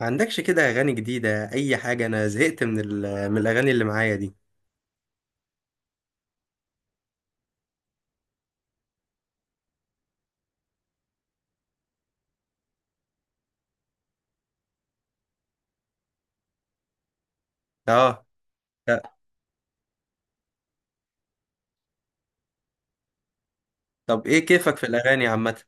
ما عندكش كده اغاني جديده؟ اي حاجه، انا زهقت من من الاغاني اللي معايا دي. اه، لا. طب ايه كيفك في الاغاني عامه؟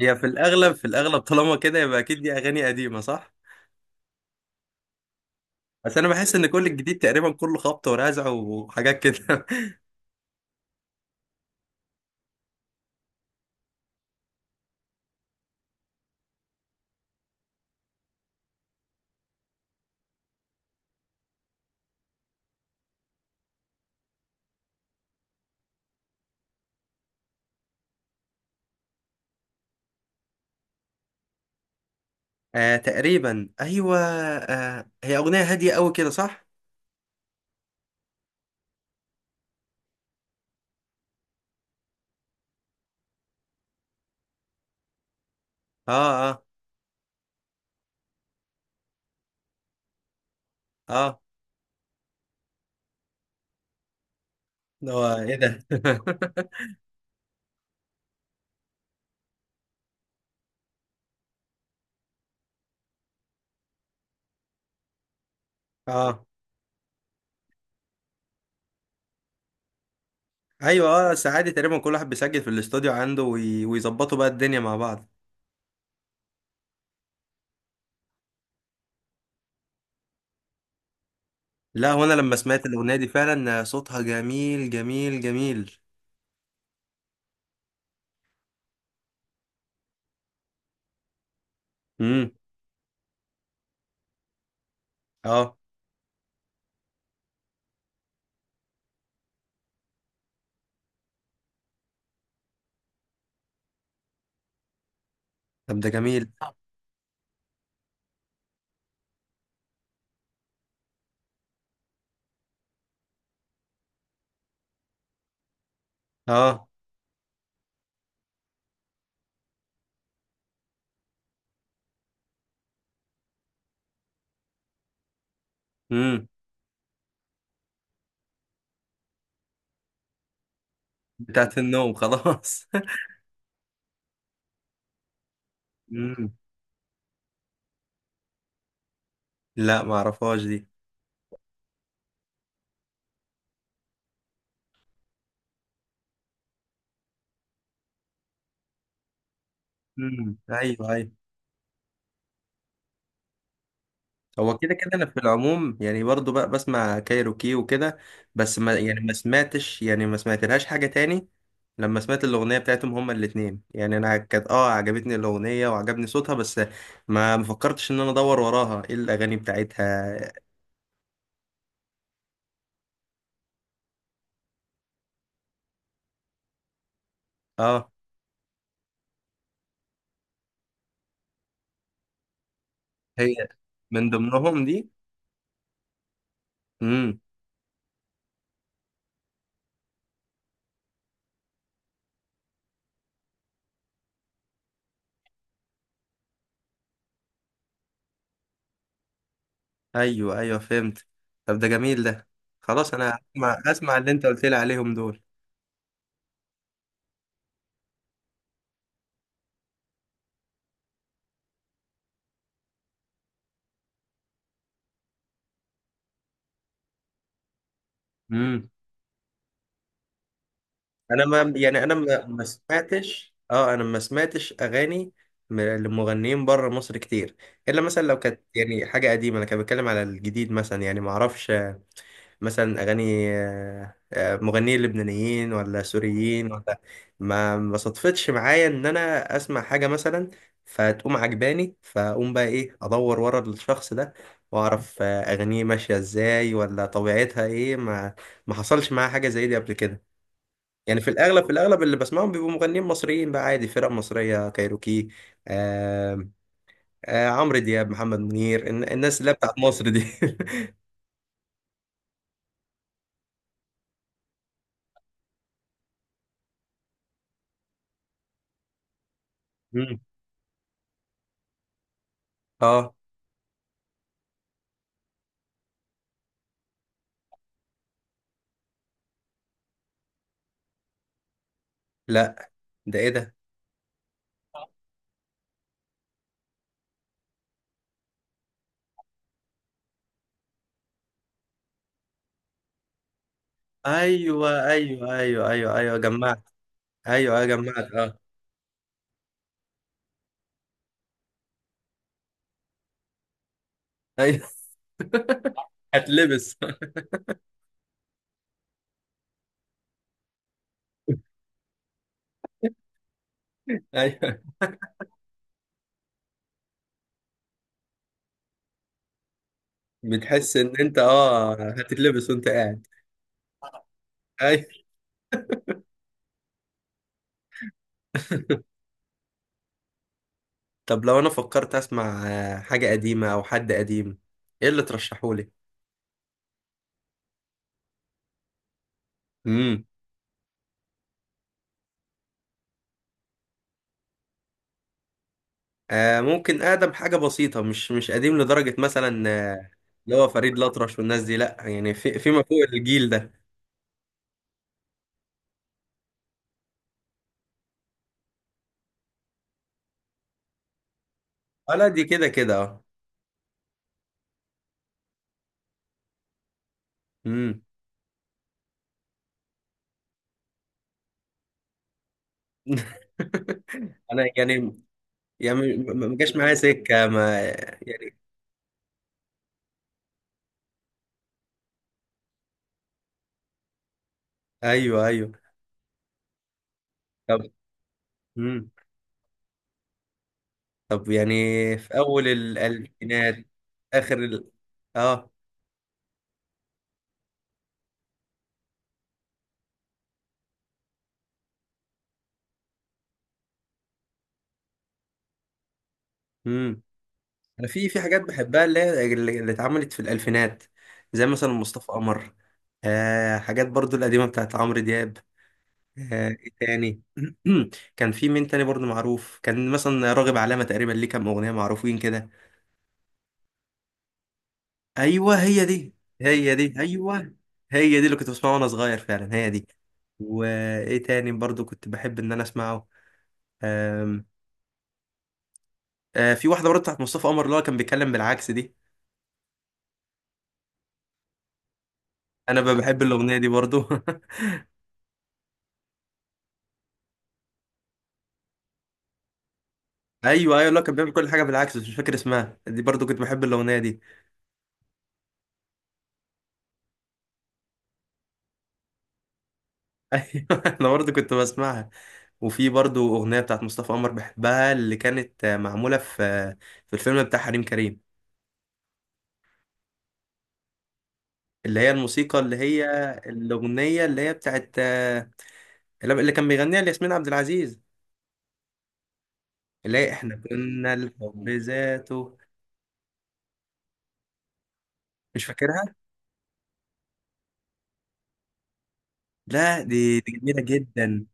هي في الاغلب في الاغلب طالما كده يبقى اكيد دي اغاني قديمه، صح؟ بس انا بحس ان كل الجديد تقريبا كله خبط ورزع وحاجات كده. آه، تقريبا ايوه، آه هي اغنيه هاديه قوي كده، صح؟ اه، اه، اه. ده هو ايه ده؟ اه، ايوه، اه، ساعات تقريبا كل واحد بيسجل في الاستوديو عنده ويظبطوا بقى الدنيا مع بعض. لا، وانا لما سمعت الاغنيه دي فعلا صوتها جميل جميل جميل. امم. اه، طب ده جميل. اه. امم. بتاعت النوم خلاص. امم. لا، ما اعرفهاش دي. امم، ايوه ايوه. هو كده كده انا في العموم يعني برضو بقى بسمع كايروكي وكده، بس ما يعني ما سمعتش، يعني ما سمعتلهاش حاجه تاني. لما سمعت الاغنيه بتاعتهم هما الاتنين يعني انا كانت اه عجبتني الاغنيه وعجبني صوتها، بس ما فكرتش ان انا ادور وراها ايه الاغاني بتاعتها. اه، هي من ضمنهم دي. امم، ايوه ايوه، فهمت. طب ده جميل ده، خلاص انا اسمع اسمع اللي انت قلت لي عليهم دول. امم. انا، ما يعني، انا ما ما سمعتش، اه انا ما سمعتش اغاني لمغنيين بره مصر كتير. الا مثلا لو كانت يعني حاجه قديمه، انا كان بتكلم على الجديد مثلا، يعني ما اعرفش. مثلا اغاني مغنيين لبنانيين ولا سوريين ولا... ما صدفتش معايا ان انا اسمع حاجه مثلا فتقوم عجباني، فاقوم بقى ايه ادور ورا الشخص ده واعرف اغانيه ماشيه ازاي ولا طبيعتها ايه. ما حصلش معايا حاجه زي دي قبل كده. يعني في الاغلب في الاغلب اللي بسمعهم بيبقوا مغنيين مصريين بقى، عادي، فرق مصريه، كايروكي، آه، آه عمرو دياب، محمد منير، الناس اللي هي بتاعت مصر دي. مم. اه، لا. ده ايه ده؟ ايوه ايوه ايوه ايوه ايوه، جمعت. ايوه ايوه، جمعت. اه، ايوه. هتلبس. ايوه، بتحس ان انت اه هتتلبس وانت قاعد؟ ايوه. طب لو انا فكرت اسمع حاجه قديمه او حد قديم، ايه اللي ترشحولي؟ امم. آه، ممكن اقدم حاجه بسيطه، مش قديم لدرجه مثلا، اللي هو فريد الأطرش والناس دي، لا يعني في فيما فوق الجيل ده. اه، لا دي كده كده اه. امم. انا يعني، يعني ما جاش معايا سكه، ما يعني. ايوه ايوه. طب. مم. طب يعني، في اول الالفينات، اخر ال-، اه. امم. انا في حاجات بحبها، اللي هي اللي اتعملت في الالفينات، زي مثلا مصطفى قمر، آه، حاجات برضو القديمه بتاعت عمرو دياب. آه، ايه تاني؟ كان في مين تاني برضو معروف؟ كان مثلا راغب علامه تقريبا ليه كام اغنيه معروفين كده. ايوه، هي دي، هي دي ايوه، هي دي اللي كنت بسمعها وانا صغير، فعلا هي دي. وايه تاني برضو كنت بحب ان انا اسمعه؟ آم، في واحده برضه بتاعت مصطفى قمر اللي هو كان بيتكلم بالعكس دي، انا بحب الاغنيه دي برضه. ايوه ايوه، اللي هو كان بيعمل كل حاجه بالعكس، بس مش فاكر اسمها دي، برضه كنت بحب الاغنيه دي. ايوه، انا برضه كنت بسمعها. وفي برضه اغنيه بتاعت مصطفى قمر بحبها، اللي كانت معموله في في الفيلم بتاع حريم كريم، اللي هي الموسيقى، اللي هي الاغنيه اللي هي بتاعت اللي كان بيغنيها لياسمين عبد العزيز، اللي هي احنا كنا الحب ذاته. مش فاكرها؟ لا، دي دي جميله جدا.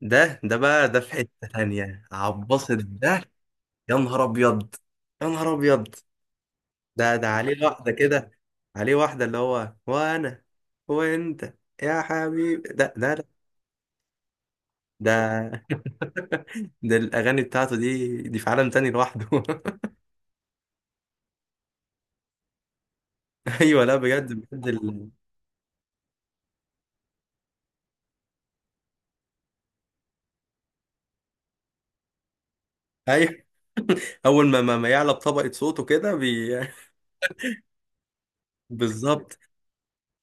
ده ده بقى ده، في حتة تانية، عباسة ده. يا نهار أبيض! يا نهار أبيض! ده ده عليه واحدة كده، عليه واحدة اللي هو وأنا وأنت يا حبيبي، ده ده ده. ده، ده الأغاني بتاعته دي دي في عالم تاني لوحده. أيوه، لا بجد بجد ال-، أيوه، أول ما ما يعلى بطبقة صوته كده بالظبط،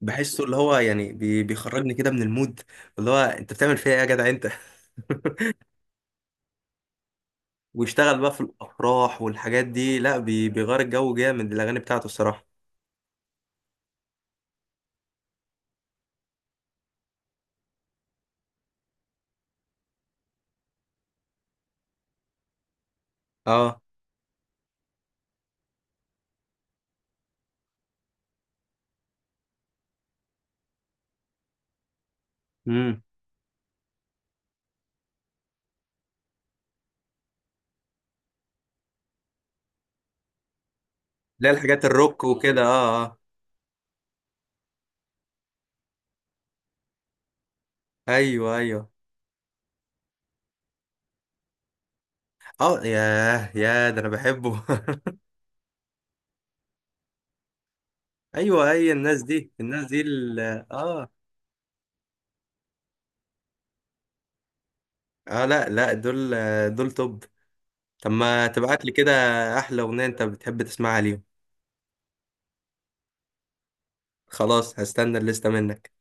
بحسه اللي هو يعني بيخرجني كده من المود اللي هو أنت بتعمل فيها إيه يا جدع أنت؟ ويشتغل بقى في الافراح والحاجات دي، لا بيغير الجو جامد، الاغاني بتاعته الصراحه. اه. امم. لا، الحاجات الروك وكده، اه اه ايوه ايوه. اه، ياه، يا ده انا بحبه. ايوه، اي الناس دي، الناس دي اه اه. لا لا دول، دول توب. طب ما تبعت لي كده احلى اغنيه انت بتحب تسمعها ليهم. خلاص، هستنى الليسته منك.